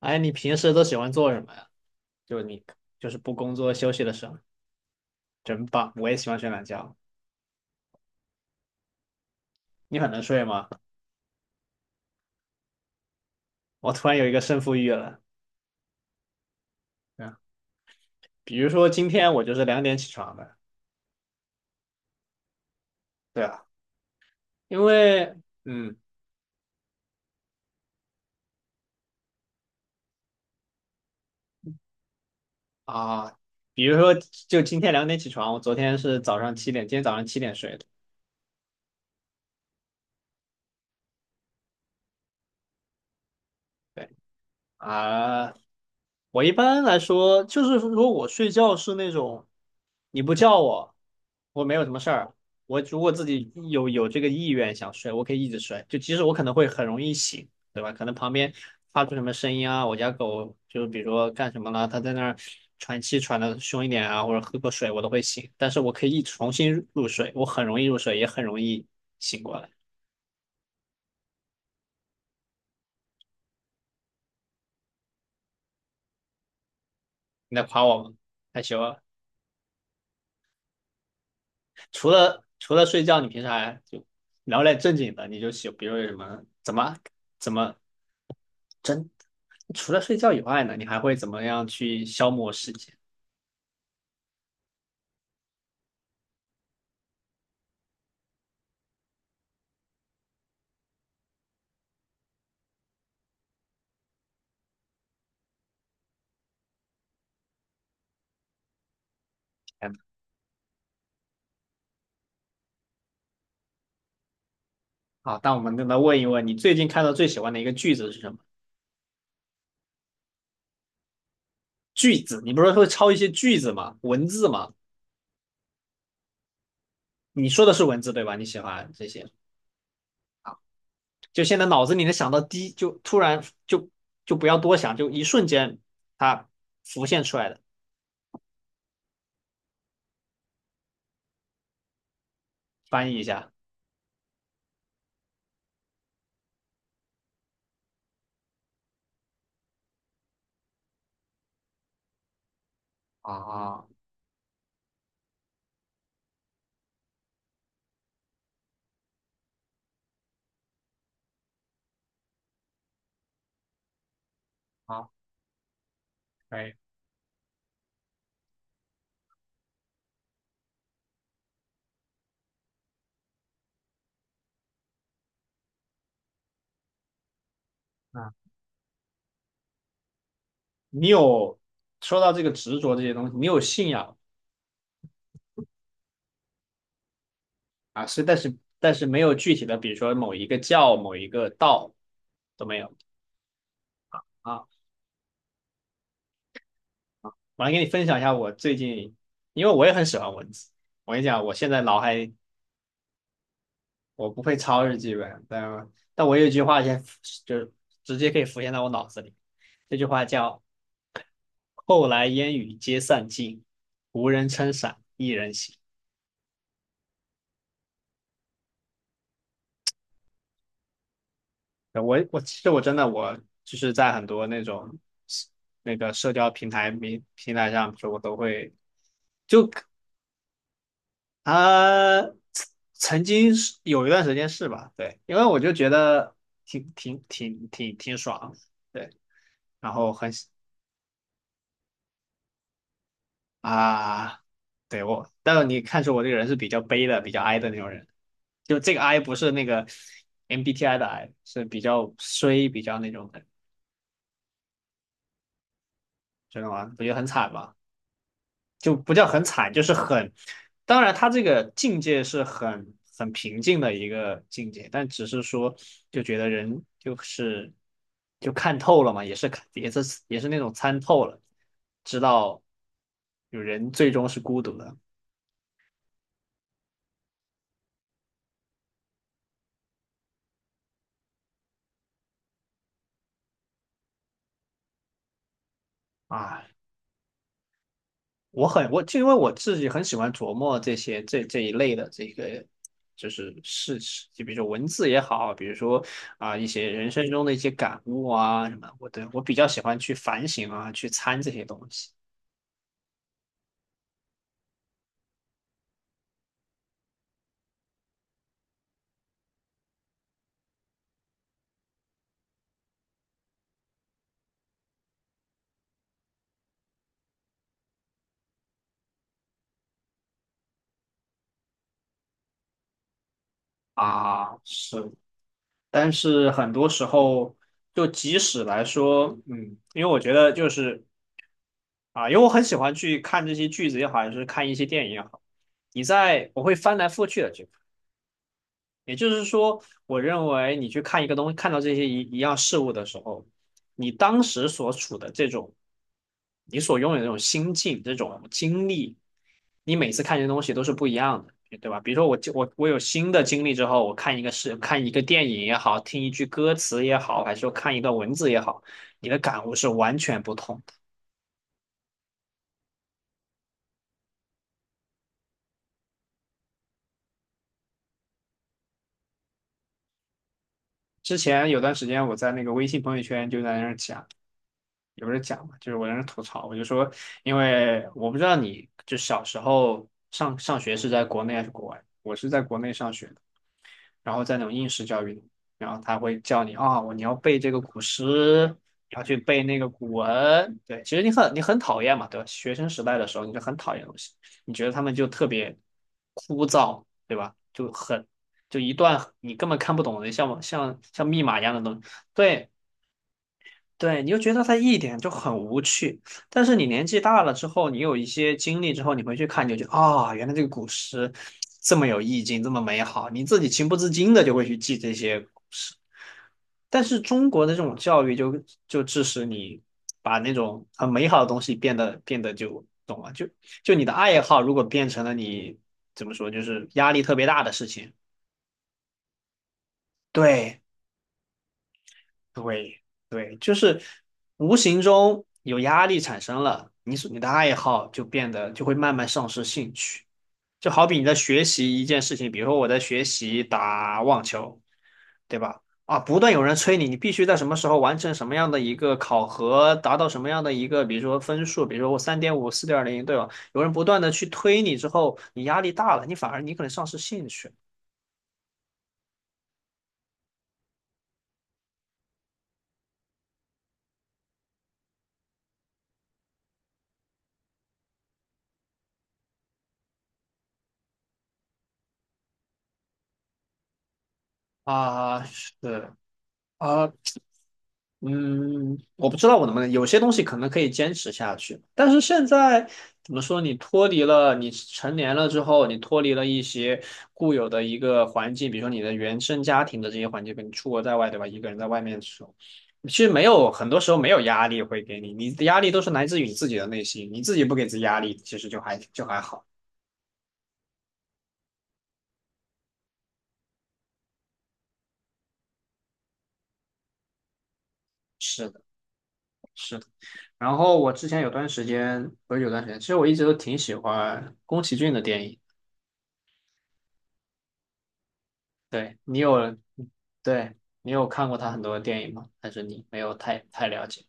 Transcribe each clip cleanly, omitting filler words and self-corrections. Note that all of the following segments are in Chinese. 哎，你平时都喜欢做什么呀？就你就是不工作休息的时候，真棒！我也喜欢睡懒觉。你很能睡吗？我突然有一个胜负欲了。嗯，比如说今天我就是两点起床的。对啊，因为嗯啊，比如说就今天两点起床，我昨天是早上七点，今天早上七点睡的。对啊，我一般来说就是如果我睡觉是那种。你不叫我，我没有什么事儿。我如果自己有这个意愿想睡，我可以一直睡，就即使我可能会很容易醒，对吧？可能旁边发出什么声音啊，我家狗就是比如说干什么了，它在那儿喘气喘的凶一点啊，或者喝个水，我都会醒。但是我可以一重新入睡，我很容易入睡，也很容易醒过来。你在夸我吗？害羞啊！除了睡觉，你平时还就聊点正经的，你就喜，比如有什么怎么。真。除了睡觉以外呢，你还会怎么样去消磨时间？哎好，那我们再来问一问，你最近看到最喜欢的一个句子是什么？句子，你不是会抄一些句子吗？文字吗？你说的是文字对吧？你喜欢这些，就现在脑子里能想到第一就突然就就不要多想，就一瞬间它浮现出来的，翻译一下。啊，啊好，可以。啊，你有说到这个执着这些东西，你有信仰啊，是，但是没有具体的，比如说某一个教、某一个道都没有啊。我来给你分享一下我最近，因为我也很喜欢文字。我跟你讲，我现在脑海我不会抄日记本，但我有一句话先就是直接可以浮现在我脑子里，这句话叫“后来烟雨皆散尽，无人撑伞一人行”。我其实我真的就是在很多那种那个社交平台上，比如说我都会。就啊，曾经是有一段时间是吧？对，因为我就觉得挺爽，对，然后很喜啊，对我，但是你看出我这个人是比较悲的、比较哀的那种人，就这个哀不是那个 MBTI 的哀，是比较衰、比较那种的，知道吗？不就很惨吗？就不叫很惨，就是很，当然他这个境界是很平静的一个境界，但只是说就觉得人就是就看透了嘛，也是看也是也是那种参透了，知道有人最终是孤独的啊。我就因为我自己很喜欢琢磨这些这一类的这个就是事情，就比如说文字也好，比如说啊、一些人生中的一些感悟啊什么，我比较喜欢去反省啊，去参这些东西啊是，但是很多时候就即使来说，嗯，因为我觉得就是啊、因为我很喜欢去看这些句子也好，还是看一些电影也好，你在我会翻来覆去的去。也就是说，我认为你去看一个东西，看到这些一样事物的时候，你当时所处的这种，你所拥有的这种心境、这种经历，你每次看这些东西都是不一样的，对吧？比如说我有新的经历之后，我看一个是看一个电影也好，听一句歌词也好，还是说看一段文字也好，你的感悟是完全不同的。之前有段时间我在那个微信朋友圈就在那儿讲。也不是讲嘛，就是我在那吐槽，我就说，因为我不知道你就小时候上学是在国内还是国外，我是在国内上学的，然后在那种应试教育里，然后他会叫你啊，我、你要背这个古诗，要去背那个古文，对，其实你很讨厌嘛，对吧？学生时代的时候你就很讨厌东西，你觉得他们就特别枯燥，对吧？就很就一段你根本看不懂的，像密码一样的东西，对。对，你就觉得它一点就很无趣。但是你年纪大了之后，你有一些经历之后，你回去看，你就觉得啊、原来这个古诗这么有意境，这么美好，你自己情不自禁的就会去记这些古诗。但是中国的这种教育就就致使你把那种很美好的东西变得就懂了，就就你的爱好如果变成了你怎么说，就是压力特别大的事情，对，对对，就是无形中有压力产生了，你所你的爱好就变得就会慢慢丧失兴趣。就好比你在学习一件事情，比如说我在学习打网球，对吧？啊，不断有人催你，你必须在什么时候完成什么样的一个考核，达到什么样的一个，比如说分数，比如说我三点五、四点零，对吧？有人不断的去推你之后，你压力大了，你反而你可能丧失兴趣啊，是啊，嗯，我不知道我能不能，有些东西可能可以坚持下去，但是现在怎么说，你脱离了，你成年了之后，你脱离了一些固有的一个环境，比如说你的原生家庭的这些环境，跟你出国在外，对吧？一个人在外面的时候，其实没有，很多时候没有压力会给你，你的压力都是来自于你自己的内心，你自己不给自己压力，其实就还好。是的，是的。然后我之前有段时间，不是有段时间，其实我一直都挺喜欢宫崎骏的电影。对，你有，对，你有看过他很多的电影吗？还是你没有太了解？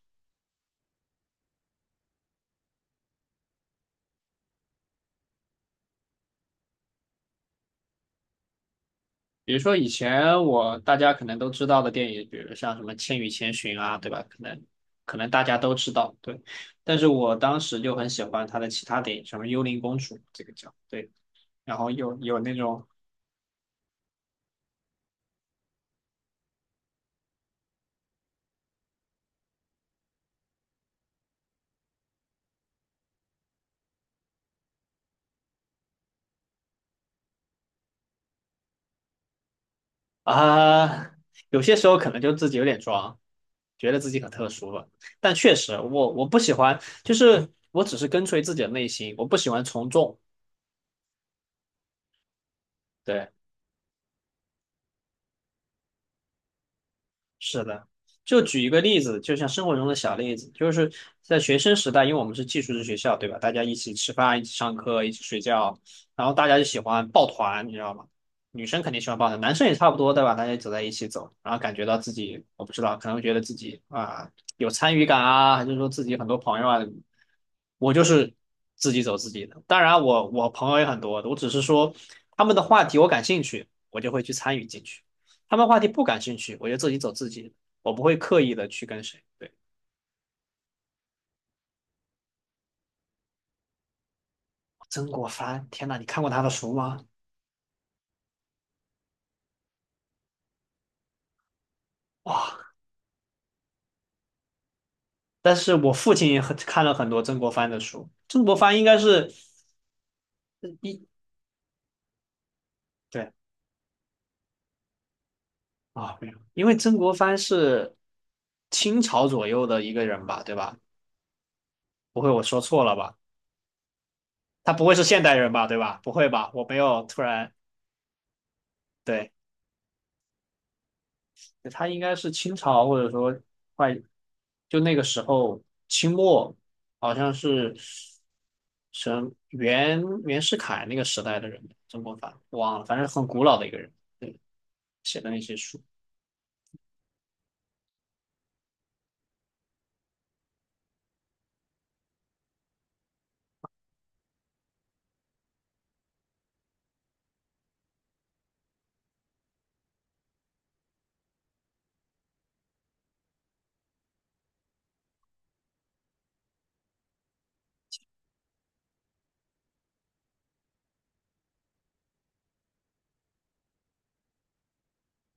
比如说以前我大家可能都知道的电影，比如像什么《千与千寻》啊，对吧？可能可能大家都知道，对。但是我当时就很喜欢他的其他电影，什么《幽灵公主》这个叫，对。然后有那种啊、有些时候可能就自己有点装，觉得自己很特殊了。但确实我不喜欢，就是我只是跟随自己的内心，我不喜欢从众。对。是的，就举一个例子，就像生活中的小例子，就是在学生时代，因为我们是寄宿制学校，对吧？大家一起吃饭，一起上课，一起睡觉，然后大家就喜欢抱团，你知道吗？女生肯定喜欢抱团，男生也差不多，对吧？大家走在一起走，然后感觉到自己，我不知道，可能觉得自己啊有参与感啊，还是说自己很多朋友啊，我就是自己走自己的。当然我，我朋友也很多，我只是说他们的话题我感兴趣，我就会去参与进去。他们话题不感兴趣，我就自己走自己的我不会刻意的去跟谁。对，曾国藩，天呐，你看过他的书吗？哇！但是我父亲也很看了很多曾国藩的书，曾国藩应该是一对啊，没有，因为曾国藩是清朝左右的一个人吧，对吧？不会我说错了吧？他不会是现代人吧，对吧？不会吧？我没有突然对。他应该是清朝或者说快就那个时候清末，好像是什袁世凯那个时代的人，曾国藩忘了，反正很古老的一个人写的那些书。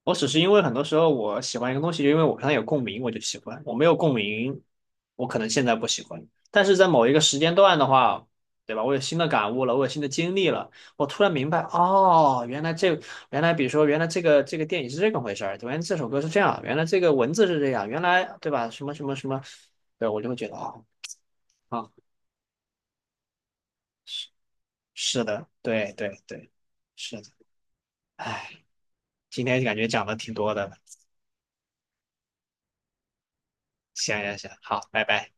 我只是因为很多时候我喜欢一个东西，就因为我跟它有共鸣，我就喜欢；我没有共鸣，我可能现在不喜欢。但是在某一个时间段的话，对吧？我有新的感悟了，我有新的经历了，我突然明白，哦，原来这，原来比如说，原来这个电影是这个回事儿，原来这首歌是这样，原来这个文字是这样，原来对吧？什么什么什么，对，我就会觉得哦，啊，是是的，对对对，是的，哎，今天感觉讲的挺多的，行行行，好，拜拜。